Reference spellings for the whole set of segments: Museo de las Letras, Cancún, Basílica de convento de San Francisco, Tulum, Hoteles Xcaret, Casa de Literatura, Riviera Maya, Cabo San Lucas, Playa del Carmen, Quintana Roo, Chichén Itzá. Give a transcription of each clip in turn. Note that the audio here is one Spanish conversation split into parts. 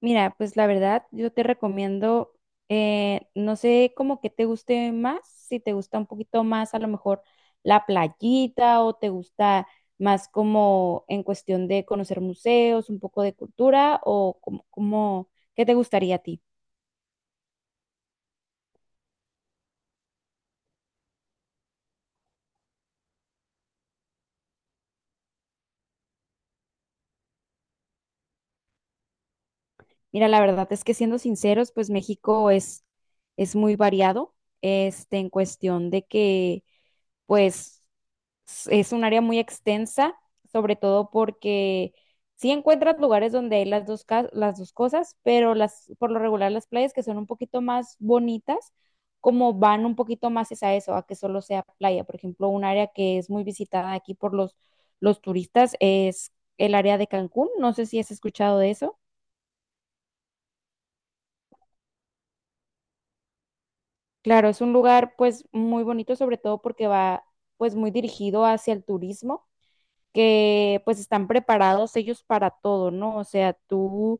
Mira, pues la verdad, yo te recomiendo, no sé como que te guste más, si te gusta un poquito más a lo mejor la playita o te gusta más como en cuestión de conocer museos, un poco de cultura o como ¿qué te gustaría a ti? Mira, la verdad es que siendo sinceros, pues México es muy variado, este, en cuestión de que, pues... es un área muy extensa, sobre todo porque sí encuentras lugares donde hay las dos cosas, pero por lo regular las playas que son un poquito más bonitas, como van un poquito más es a eso, a que solo sea playa. Por ejemplo, un área que es muy visitada aquí por los turistas es el área de Cancún. No sé si has escuchado de eso. Claro, es un lugar pues muy bonito, sobre todo porque va pues muy dirigido hacia el turismo que pues están preparados ellos para todo, ¿no? O sea, tú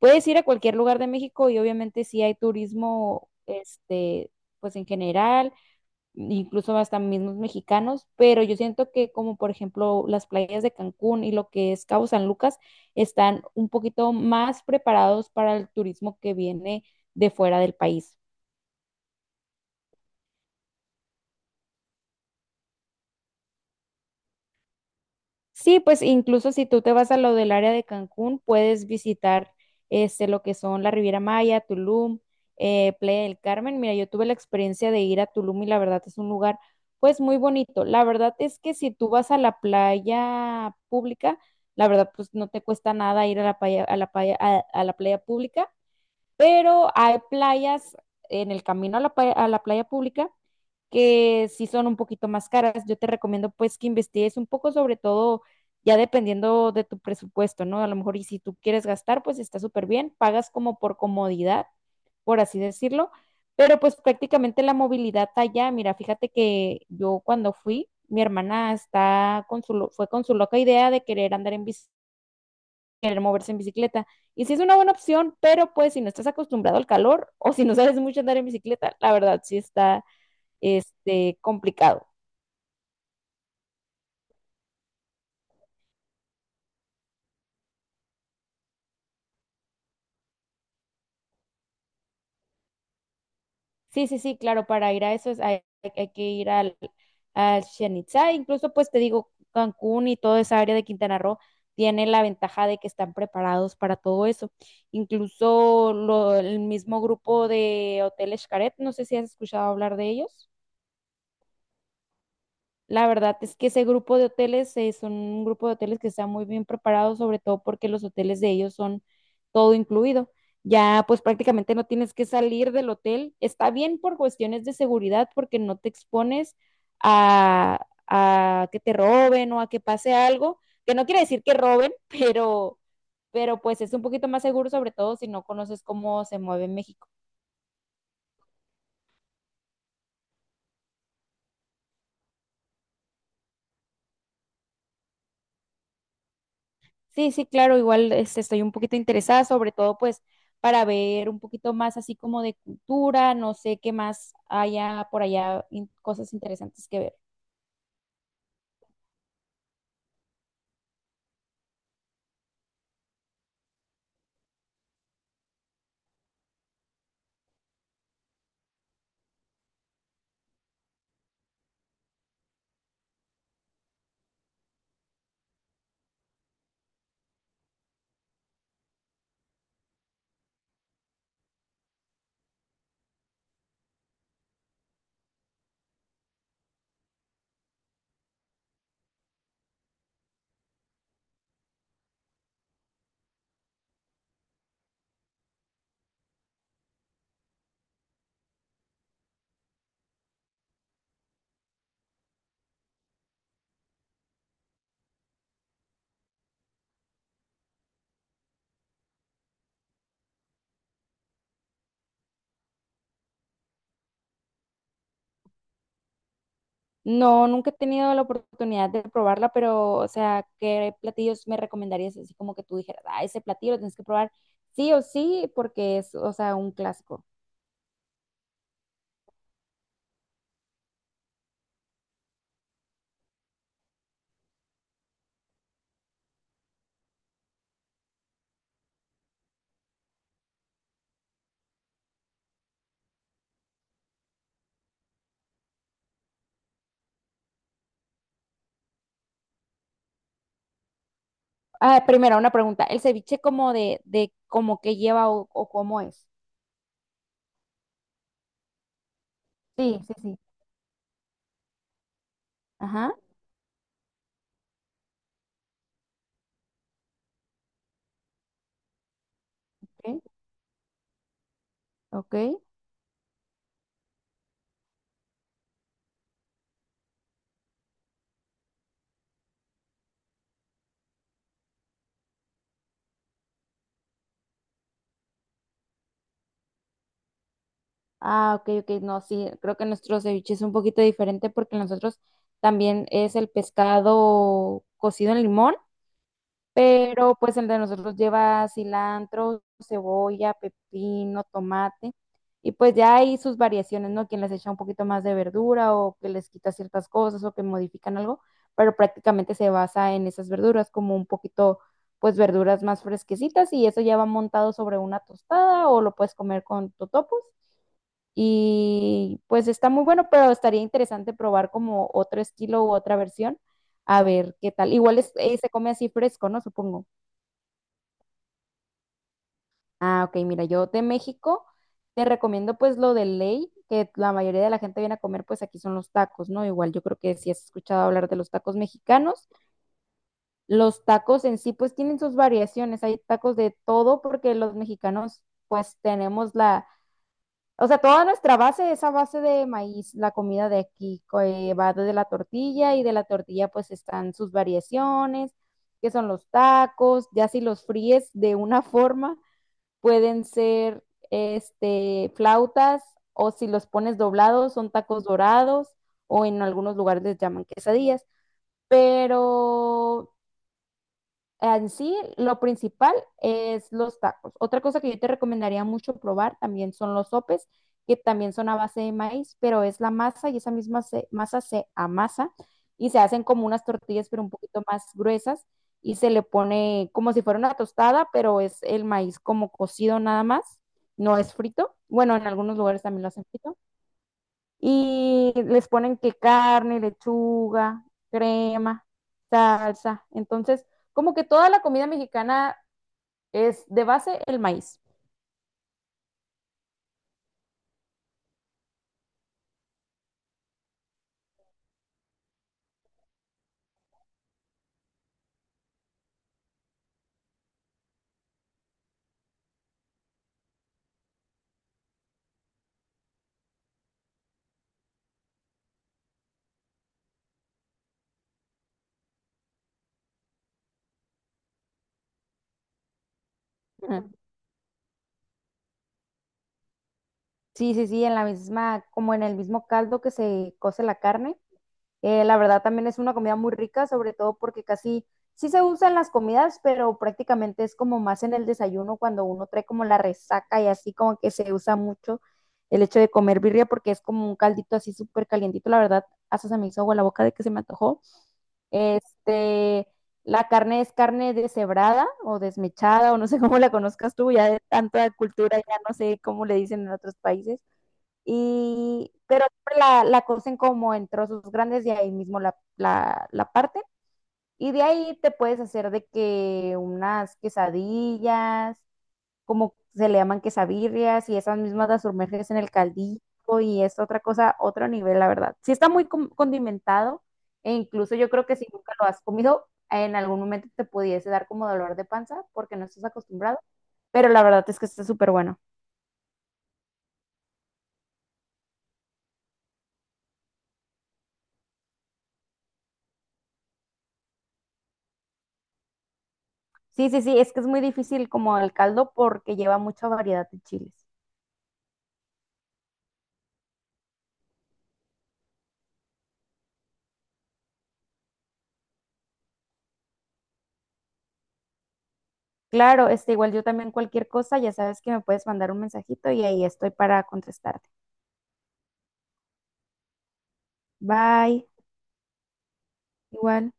puedes ir a cualquier lugar de México y obviamente sí hay turismo, este, pues en general, incluso hasta mismos mexicanos, pero yo siento que como por ejemplo las playas de Cancún y lo que es Cabo San Lucas están un poquito más preparados para el turismo que viene de fuera del país. Sí, pues incluso si tú te vas a lo del área de Cancún, puedes visitar este, lo que son la Riviera Maya, Tulum, Playa del Carmen. Mira, yo tuve la experiencia de ir a Tulum y la verdad es un lugar pues muy bonito. La verdad es que si tú vas a la playa pública, la verdad pues no te cuesta nada ir a la playa, a la playa pública, pero hay playas en el camino a a la playa pública que sí son un poquito más caras. Yo te recomiendo pues que investigues un poco, sobre todo ya dependiendo de tu presupuesto, ¿no? A lo mejor y si tú quieres gastar, pues está súper bien, pagas como por comodidad, por así decirlo, pero pues prácticamente la movilidad allá, mira, fíjate que yo cuando fui, mi hermana está con fue con su loca idea de querer andar en bici, querer moverse en bicicleta. Y sí es una buena opción, pero pues si no estás acostumbrado al calor o si no sabes mucho andar en bicicleta, la verdad sí está este, complicado. Sí, sí, sí, claro, para ir a eso hay que ir al, al Chichén Itzá, incluso pues te digo, Cancún y toda esa área de Quintana Roo tiene la ventaja de que están preparados para todo eso. Incluso el mismo grupo de Hoteles Xcaret, no sé si has escuchado hablar de ellos. La verdad es que ese grupo de hoteles son un grupo de hoteles que está muy bien preparado, sobre todo porque los hoteles de ellos son todo incluido. Ya pues prácticamente no tienes que salir del hotel. Está bien por cuestiones de seguridad porque no te expones a que te roben o a que pase algo, que no quiere decir que roben, pero pues es un poquito más seguro, sobre todo si no conoces cómo se mueve México. Sí, sí, claro, igual este, estoy un poquito interesada, sobre todo pues para ver un poquito más así como de cultura, no sé qué más haya por allá, cosas interesantes que ver. No, nunca he tenido la oportunidad de probarla, pero o sea, ¿qué platillos me recomendarías así como que tú dijeras, ah, ese platillo lo tienes que probar sí o sí porque es, o sea, un clásico? Ah, primero, una pregunta, ¿el ceviche como de como que lleva o cómo es? Sí, sí, sí. Ajá, ok, ok. Ah, ok, ok, no, sí, creo que nuestro ceviche es un poquito diferente porque nosotros también es el pescado cocido en limón, pero pues el de nosotros lleva cilantro, cebolla, pepino, tomate y pues ya hay sus variaciones, ¿no? Quien les echa un poquito más de verdura o que les quita ciertas cosas o que modifican algo, pero prácticamente se basa en esas verduras como un poquito, pues verduras más fresquecitas y eso ya va montado sobre una tostada o lo puedes comer con totopos. Y pues está muy bueno, pero estaría interesante probar como otro estilo u otra versión, a ver qué tal. Igual se come así fresco, ¿no? Supongo. Ah, ok, mira, yo de México te recomiendo pues lo de ley, que la mayoría de la gente viene a comer, pues aquí son los tacos, ¿no? Igual yo creo que si has escuchado hablar de los tacos mexicanos, los tacos en sí pues tienen sus variaciones, hay tacos de todo porque los mexicanos pues tenemos la... O sea, toda nuestra base es a base de maíz, la comida de aquí, va desde la tortilla y de la tortilla pues están sus variaciones, que son los tacos, ya si los fríes de una forma, pueden ser este, flautas o si los pones doblados son tacos dorados o en algunos lugares les llaman quesadillas, pero en sí, lo principal es los tacos. Otra cosa que yo te recomendaría mucho probar también son los sopes, que también son a base de maíz, pero es la masa y esa misma masa se amasa y se hacen como unas tortillas, pero un poquito más gruesas y se le pone como si fuera una tostada, pero es el maíz como cocido nada más, no es frito. Bueno, en algunos lugares también lo hacen frito y les ponen que carne, lechuga, crema, salsa. Entonces, como que toda la comida mexicana es de base el maíz. Ujú. Sí, sí, sí, en la misma, como en el mismo caldo que se cose la carne. La verdad también es una comida muy rica, sobre todo porque casi sí se usa en las comidas, pero prácticamente es como más en el desayuno cuando uno trae como la resaca y así como que se usa mucho el hecho de comer birria porque es como un caldito así súper calientito, la verdad, hasta se me hizo agua la boca de que se me antojó. Este, la carne es carne deshebrada o desmechada o no sé cómo la conozcas tú, ya de tanta cultura, ya no sé cómo le dicen en otros países y, pero siempre la cocen como en trozos grandes y ahí mismo la parten. Y de ahí te puedes hacer de que unas quesadillas, como se le llaman quesabirrias, y esas mismas las sumerges en el caldillo y es otra cosa, otro nivel, la verdad. Sí está condimentado e incluso yo creo que si nunca lo has comido, en algún momento te pudiese dar como dolor de panza porque no estás acostumbrado, pero la verdad es que está súper bueno. Sí, sí, sí, es que es muy difícil como el caldo porque lleva mucha variedad de chiles. Claro, este, igual yo también cualquier cosa, ya sabes que me puedes mandar un mensajito y ahí estoy para contestarte. Bye, igual.